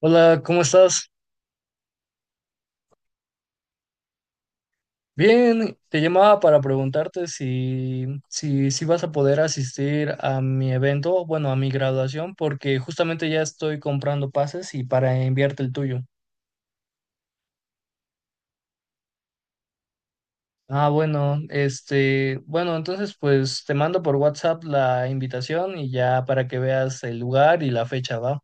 Hola, ¿cómo estás? Bien, te llamaba para preguntarte si vas a poder asistir a mi evento, bueno, a mi graduación, porque justamente ya estoy comprando pases y para enviarte el tuyo. Ah, bueno, este, bueno, entonces pues te mando por WhatsApp la invitación y ya para que veas el lugar y la fecha, ¿va?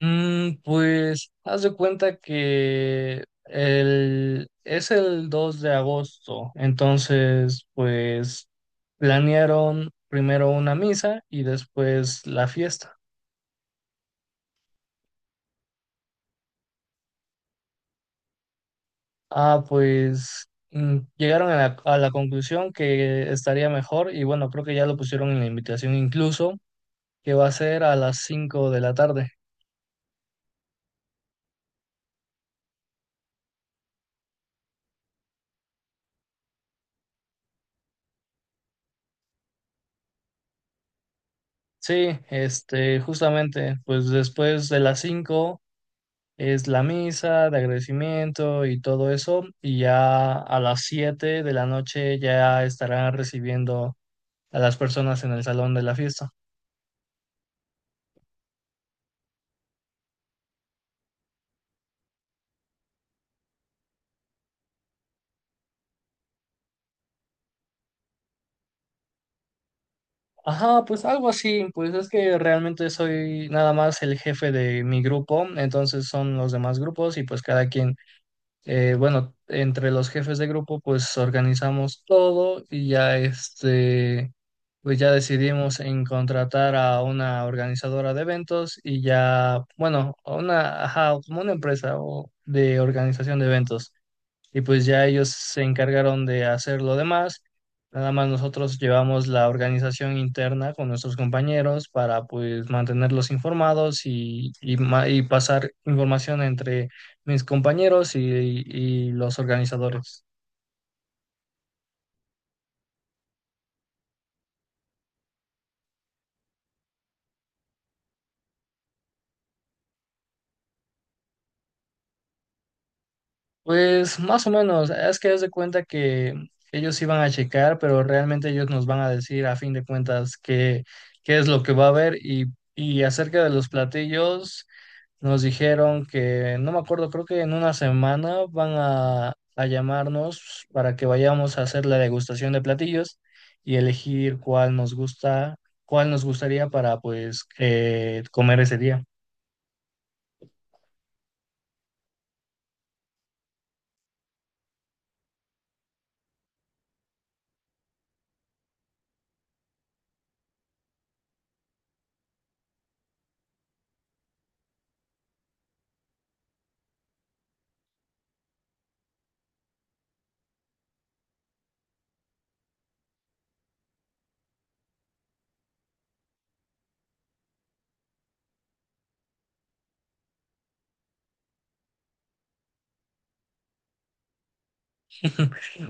Pues haz de cuenta que es el 2 de agosto, entonces pues planearon primero una misa y después la fiesta. Ah, pues llegaron a la conclusión que estaría mejor y bueno, creo que ya lo pusieron en la invitación incluso, que va a ser a las 5 de la tarde. Sí, este, justamente, pues después de las 5 es la misa de agradecimiento y todo eso, y ya a las 7 de la noche ya estarán recibiendo a las personas en el salón de la fiesta. Ajá, pues algo así, pues es que realmente soy nada más el jefe de mi grupo, entonces son los demás grupos y pues cada quien, bueno, entre los jefes de grupo pues organizamos todo y ya pues ya decidimos en contratar a una organizadora de eventos y ya, bueno, a una, ajá, como una empresa o de organización de eventos. Y pues ya ellos se encargaron de hacer lo demás. Nada más nosotros llevamos la organización interna con nuestros compañeros para pues mantenerlos informados y pasar información entre mis compañeros y los organizadores. Pues más o menos, es que haz de cuenta que ellos iban a checar, pero realmente ellos nos van a decir a fin de cuentas qué es lo que va a haber y acerca de los platillos nos dijeron que, no me acuerdo, creo que en una semana van a llamarnos para que vayamos a hacer la degustación de platillos y elegir cuál nos gusta, cuál nos gustaría para pues comer ese día.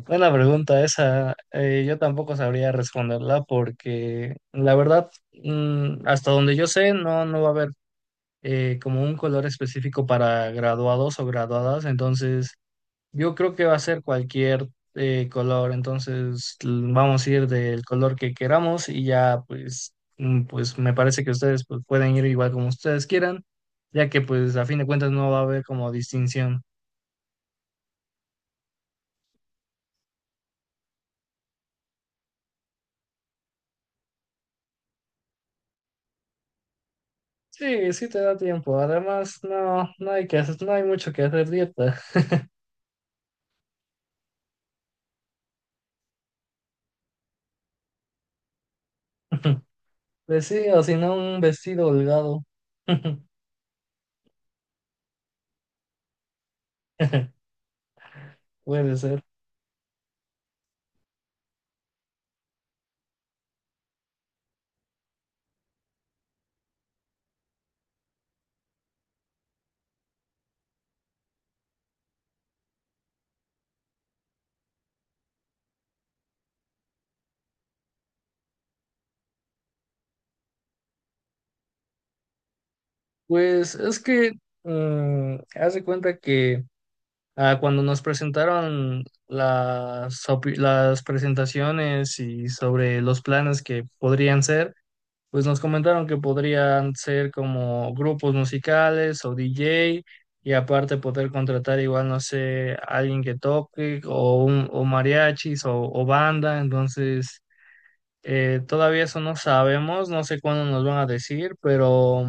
Buena pregunta esa. Yo tampoco sabría responderla porque la verdad, hasta donde yo sé, no, no va a haber como un color específico para graduados o graduadas. Entonces, yo creo que va a ser cualquier color. Entonces, vamos a ir del color que queramos y ya, pues, pues me parece que ustedes pues, pueden ir igual como ustedes quieran, ya que pues a fin de cuentas no va a haber como distinción. Sí, sí te da tiempo. Además, no, no hay que hacer, no hay mucho que hacer dieta. Pues sí, o si no, un vestido holgado. Puede ser. Pues es que haz de cuenta que cuando nos presentaron las, las presentaciones y sobre los planes que podrían ser, pues nos comentaron que podrían ser como grupos musicales o DJ y aparte poder contratar igual, no sé, alguien que toque o, o mariachis o banda. Entonces, todavía eso no sabemos, no sé cuándo nos van a decir,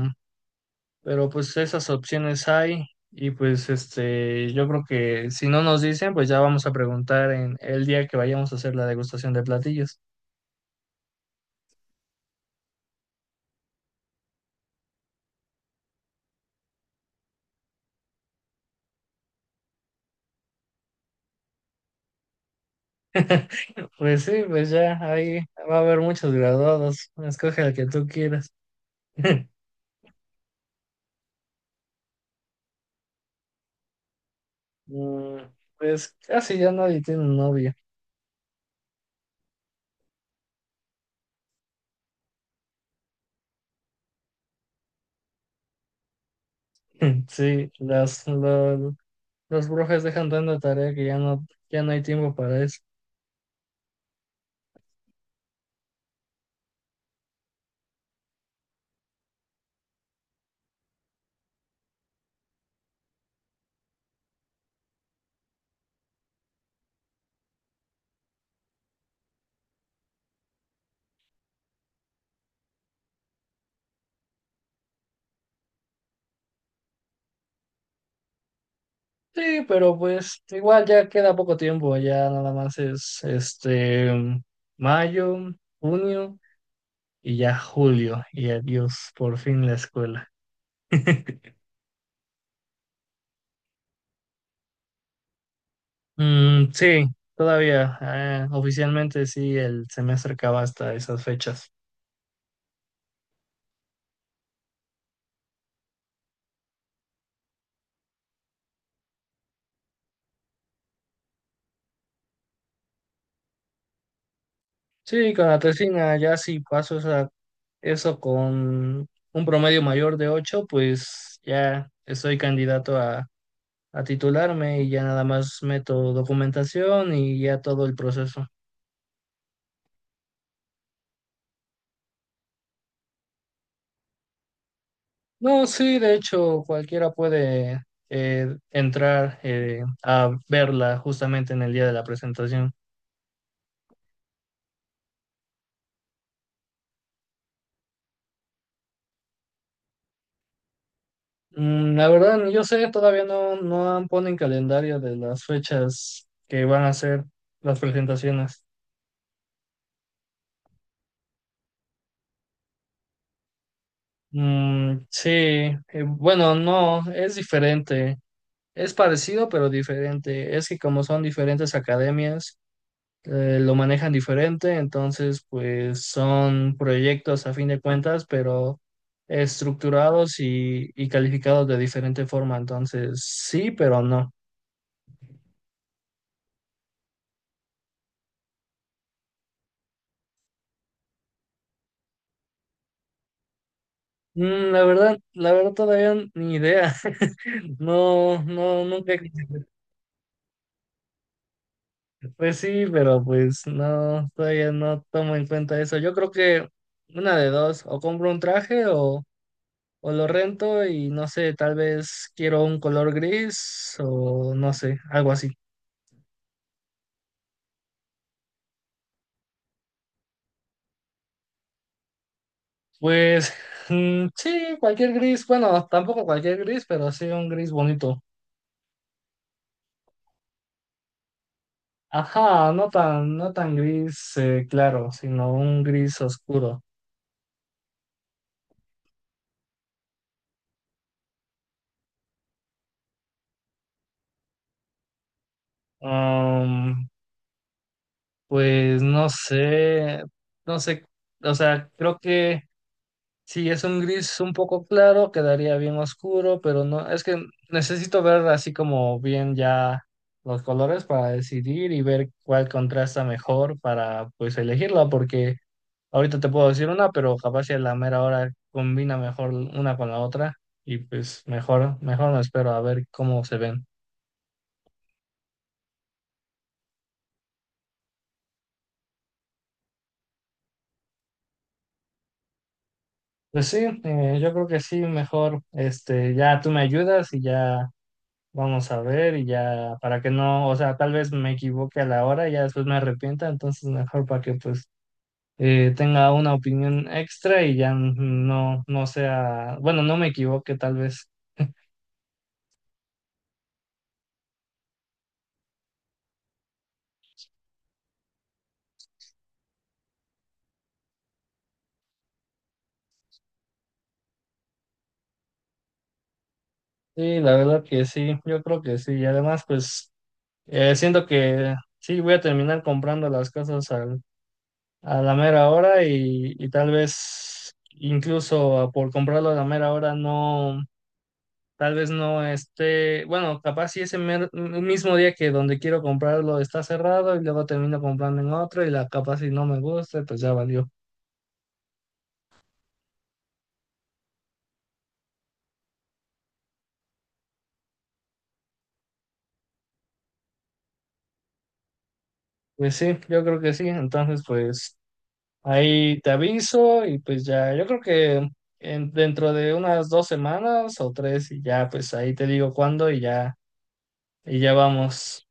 pero pues esas opciones hay. Y pues este, yo creo que si no nos dicen, pues ya vamos a preguntar en el día que vayamos a hacer la degustación de platillos. Pues sí, pues ya ahí va a haber muchos graduados. Escoge al que tú quieras. Mm, Pues casi ya nadie tiene novia. Sí, las, los profes dejan tanta tarea que ya no, ya no hay tiempo para eso. Sí, pero pues igual ya queda poco tiempo, ya nada más es este mayo, junio y ya julio. Y adiós, por fin la escuela. Sí, todavía. Oficialmente sí, el semestre acaba hasta esas fechas. Sí, con la tesina ya si paso esa, eso con un promedio mayor de 8 pues ya estoy candidato a titularme y ya nada más meto documentación y ya todo el proceso. No, sí, de hecho, cualquiera puede entrar a verla justamente en el día de la presentación. La verdad, ni yo sé, todavía no, ponen calendario de las fechas que van a ser las presentaciones. Sí, bueno, no, es diferente. Es parecido, pero diferente. Es que como son diferentes academias, lo manejan diferente, entonces pues son proyectos a fin de cuentas, pero estructurados y calificados de diferente forma. Entonces, sí, pero no. La verdad todavía ni idea. No, no, nunca. Pues sí, pero pues no, todavía no tomo en cuenta eso. Yo creo que una de dos, o compro un traje o lo rento y no sé, tal vez quiero un color gris o no sé, algo así. Pues sí, cualquier gris, bueno, tampoco cualquier gris, pero sí un gris bonito. Ajá, no tan, no tan gris claro, sino un gris oscuro. Um, Pues no sé, no sé, o sea, creo que si es un gris un poco claro, quedaría bien oscuro, pero no, es que necesito ver así como bien ya los colores para decidir y ver cuál contrasta mejor para pues elegirla, porque ahorita te puedo decir una, pero capaz si a la mera hora combina mejor una con la otra y pues mejor, mejor me espero a ver cómo se ven. Pues sí, yo creo que sí, mejor, este, ya tú me ayudas y ya. Vamos a ver y ya, para que no, o sea, tal vez me equivoque a la hora y ya después me arrepienta, entonces mejor para que pues tenga una opinión extra y ya no, no sea, bueno, no me equivoque tal vez. Sí, la verdad que sí, yo creo que sí. Y además, pues siento que sí, voy a terminar comprando las cosas a la mera hora y tal vez incluso por comprarlo a la mera hora no. Tal vez no esté, bueno, capaz si ese mismo día que donde quiero comprarlo está cerrado y luego termino comprando en otro y la capaz si no me gusta, pues ya valió. Pues sí, yo creo que sí. Entonces, pues ahí te aviso y pues ya, yo creo que dentro de unas 2 semanas o 3 y ya, pues ahí te digo cuándo y ya vamos.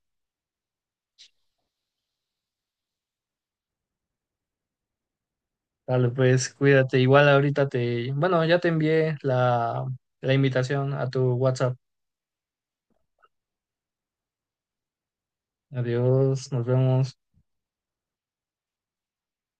Dale, pues cuídate. Igual ahorita te, bueno, ya te envié la, la invitación a tu WhatsApp. Adiós, nos vemos.